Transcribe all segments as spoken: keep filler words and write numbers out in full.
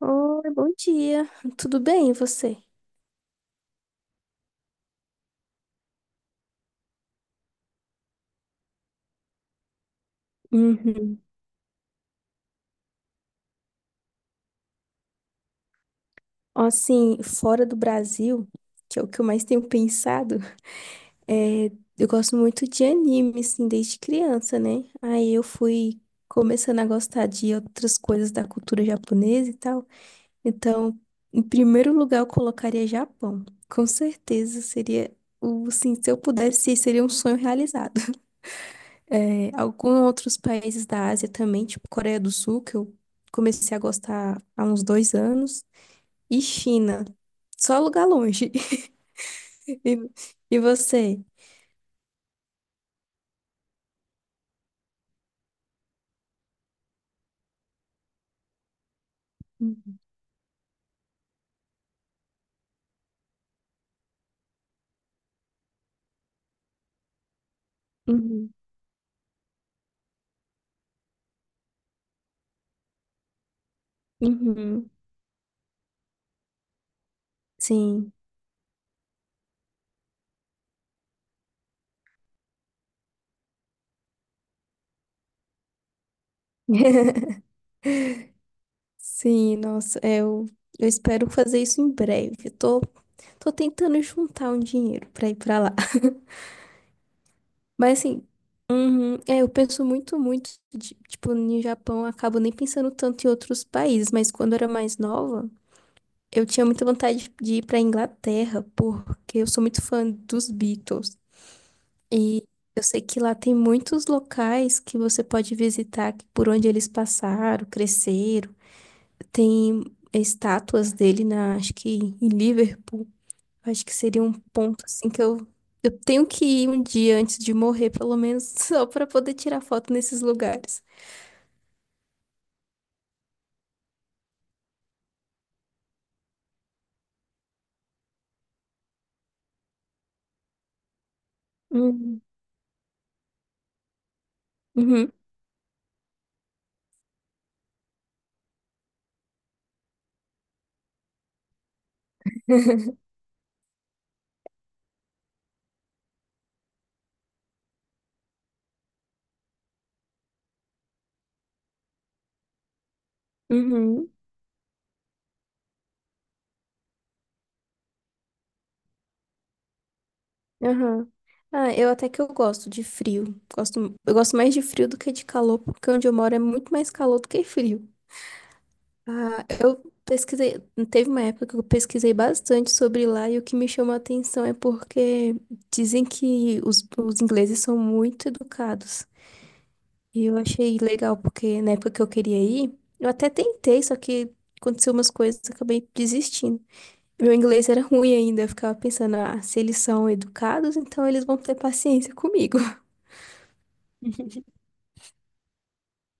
Oi, bom dia. Tudo bem, e você? Uhum. Assim, fora do Brasil, que é o que eu mais tenho pensado, é, eu gosto muito de anime, assim, desde criança, né? Aí eu fui começando a gostar de outras coisas da cultura japonesa e tal. Então, em primeiro lugar, eu colocaria Japão. Com certeza seria o, assim, se eu pudesse, seria um sonho realizado. É, alguns outros países da Ásia também, tipo Coreia do Sul, que eu comecei a gostar há uns dois anos, e China. Só lugar longe. E, e você? Uhum. Uhum. Sim. Sim, nossa, é, eu, eu espero fazer isso em breve. Eu tô, tô tentando juntar um dinheiro pra ir pra lá. Mas assim, uhum, é, eu penso muito, muito, de- tipo, no Japão, eu acabo nem pensando tanto em outros países, mas quando eu era mais nova. Eu tinha muita vontade de ir para Inglaterra, porque eu sou muito fã dos Beatles. E eu sei que lá tem muitos locais que você pode visitar, que- por onde eles passaram, cresceram. Tem estátuas dele na, acho que em Liverpool. Acho que seria um ponto assim que eu, eu tenho que ir um dia antes de morrer, pelo menos, só para poder tirar foto nesses lugares. Uhum. Uhum. Uhum. Aham. Ah, eu até que eu gosto de frio. Gosto, eu gosto mais de frio do que de calor, porque onde eu moro é muito mais calor do que frio. Ah, eu pesquisei, teve uma época que eu pesquisei bastante sobre lá e o que me chamou a atenção é porque dizem que os, os ingleses são muito educados. E eu achei legal, porque na época que eu queria ir, eu até tentei, só que aconteceu umas coisas, eu acabei desistindo. Meu inglês era ruim ainda, eu ficava pensando, ah, se eles são educados, então eles vão ter paciência comigo.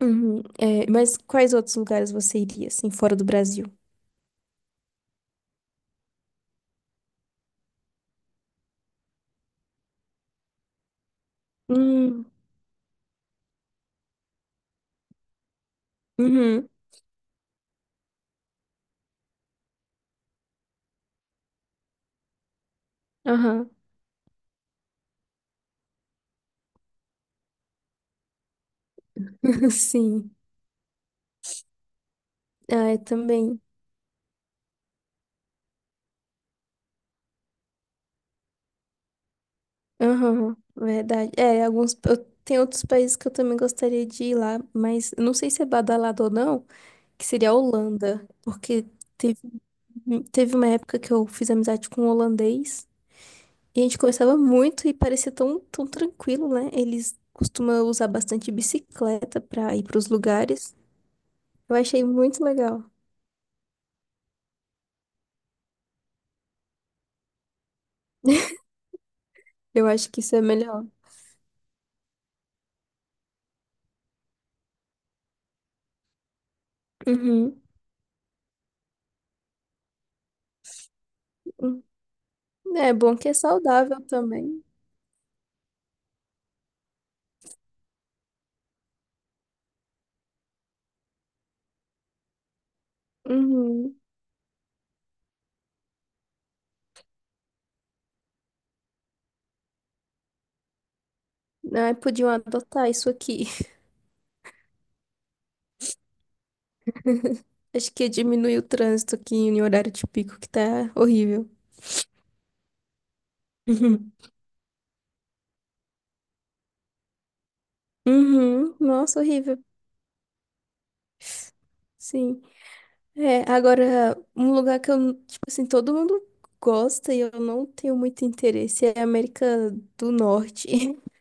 Uhum. É, mas quais outros lugares você iria, assim, fora do Brasil? Hum, uhum, aham. Sim. Ah, eu também. Aham, verdade. É, alguns. eu- tem outros países que eu também gostaria de ir lá, mas eu não sei se é badalado ou não, que seria a Holanda. Porque teve, teve uma época que eu fiz amizade com um holandês e a gente conversava muito e parecia tão, tão tranquilo, né? Eles costumam usar bastante bicicleta pra ir pros lugares. Eu achei muito legal. Eu acho que isso é melhor. Uhum. É bom que é saudável também. Uhum. Ai, podiam adotar isso aqui. Acho que diminui o trânsito aqui em horário de pico, que tá horrível. Uhum. Uhum. Nossa, horrível. Sim. É, agora, um lugar que eu, tipo assim, todo mundo gosta e eu não tenho muito interesse é a América do Norte.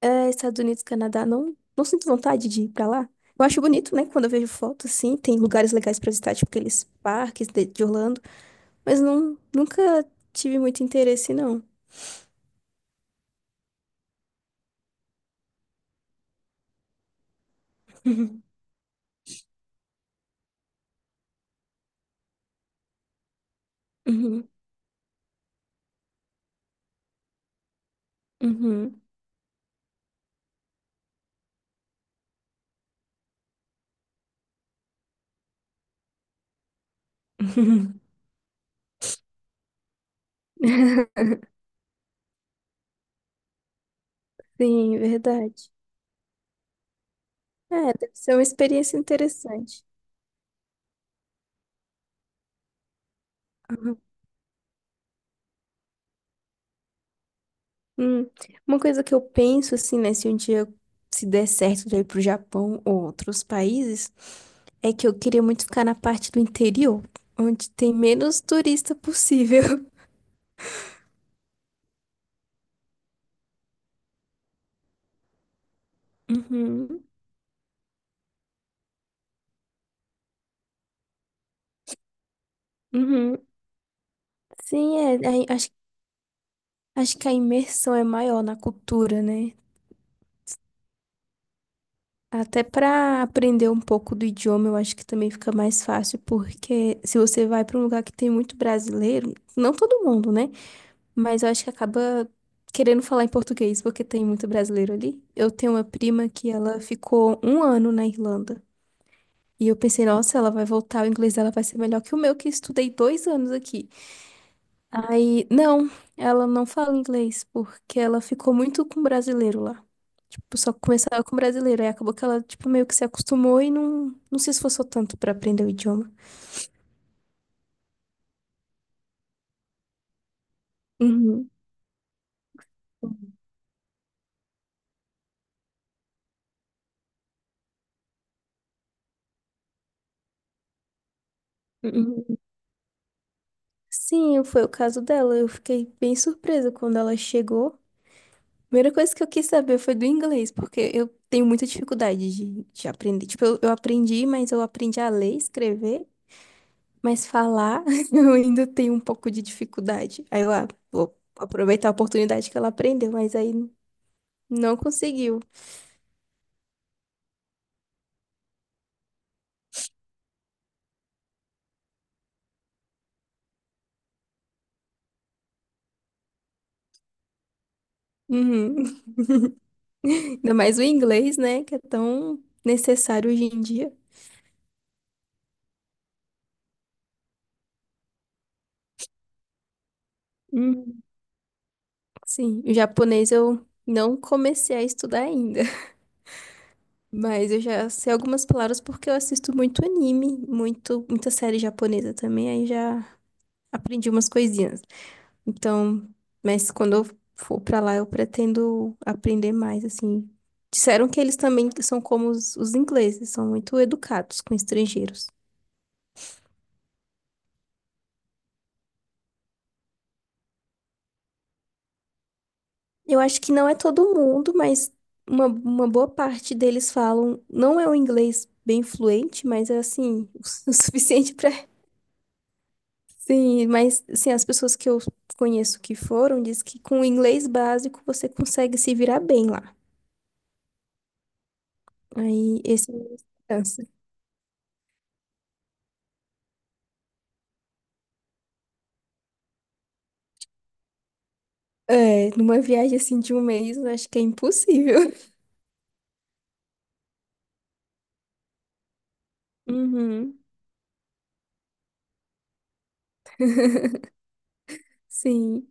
É, Estados Unidos, Canadá, não, não sinto vontade de ir pra lá. Eu acho bonito, né? Quando eu vejo foto, assim, tem lugares legais pra visitar, tipo aqueles parques de, de Orlando, mas não, nunca tive muito interesse, não. Uhum, uhum, uhum. Sim, verdade. É, deve ser uma experiência interessante. Hum, uma coisa que eu penso, assim, né, se um dia se der certo de eu ir pro Japão ou outros países, é que eu queria muito ficar na parte do interior, onde tem menos turista possível. Uhum, uhum. Sim, é, aí acho, acho que a imersão é maior na cultura, né? Até pra aprender um pouco do idioma, eu acho que também fica mais fácil, porque se você vai pra um lugar que tem muito brasileiro, não todo mundo, né? Mas eu acho que acaba querendo falar em português, porque tem muito brasileiro ali. Eu tenho uma prima que ela ficou um ano na Irlanda. E eu pensei, nossa, ela vai voltar, o inglês dela vai ser melhor que o meu, que estudei dois anos aqui. Aí, não, ela não fala inglês, porque ela ficou muito com brasileiro lá. Tipo, só começava com brasileiro. Aí acabou que ela, tipo, meio que se acostumou e não, não se esforçou tanto pra aprender o idioma. Uhum. Uhum. Sim, foi o caso dela. Eu fiquei bem surpresa quando ela chegou. Primeira coisa que eu quis saber foi do inglês, porque eu tenho muita dificuldade de, de aprender. Tipo, eu, eu aprendi, mas eu aprendi a ler, escrever, mas falar eu ainda tenho um pouco de dificuldade. Aí eu, ah, vou aproveitar a oportunidade que ela aprendeu, mas aí não conseguiu. Uhum. Ainda mais o inglês, né, que é tão necessário hoje em dia. Uhum. Sim, o japonês eu não comecei a estudar ainda. Mas eu já sei algumas palavras porque eu assisto muito anime, muito, muita série japonesa também, aí já aprendi umas coisinhas. Então, mas quando eu for pra lá, eu pretendo aprender mais, assim. Disseram que eles também são como os, os ingleses, são muito educados com estrangeiros. Eu acho que não é todo mundo, mas uma, uma boa parte deles falam, não é um inglês bem fluente, mas é assim, o suficiente Sim, mas assim, as pessoas que eu conheço que foram diz que com o inglês básico você consegue se virar bem lá. Aí esse é a minha esperança. É, numa viagem assim de um mês, eu acho que é impossível. Uhum. Sim.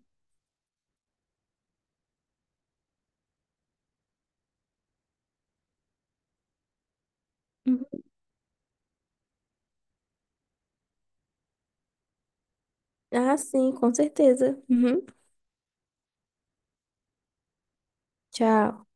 Uhum. Ah, sim, com certeza. Uhum. Tchau.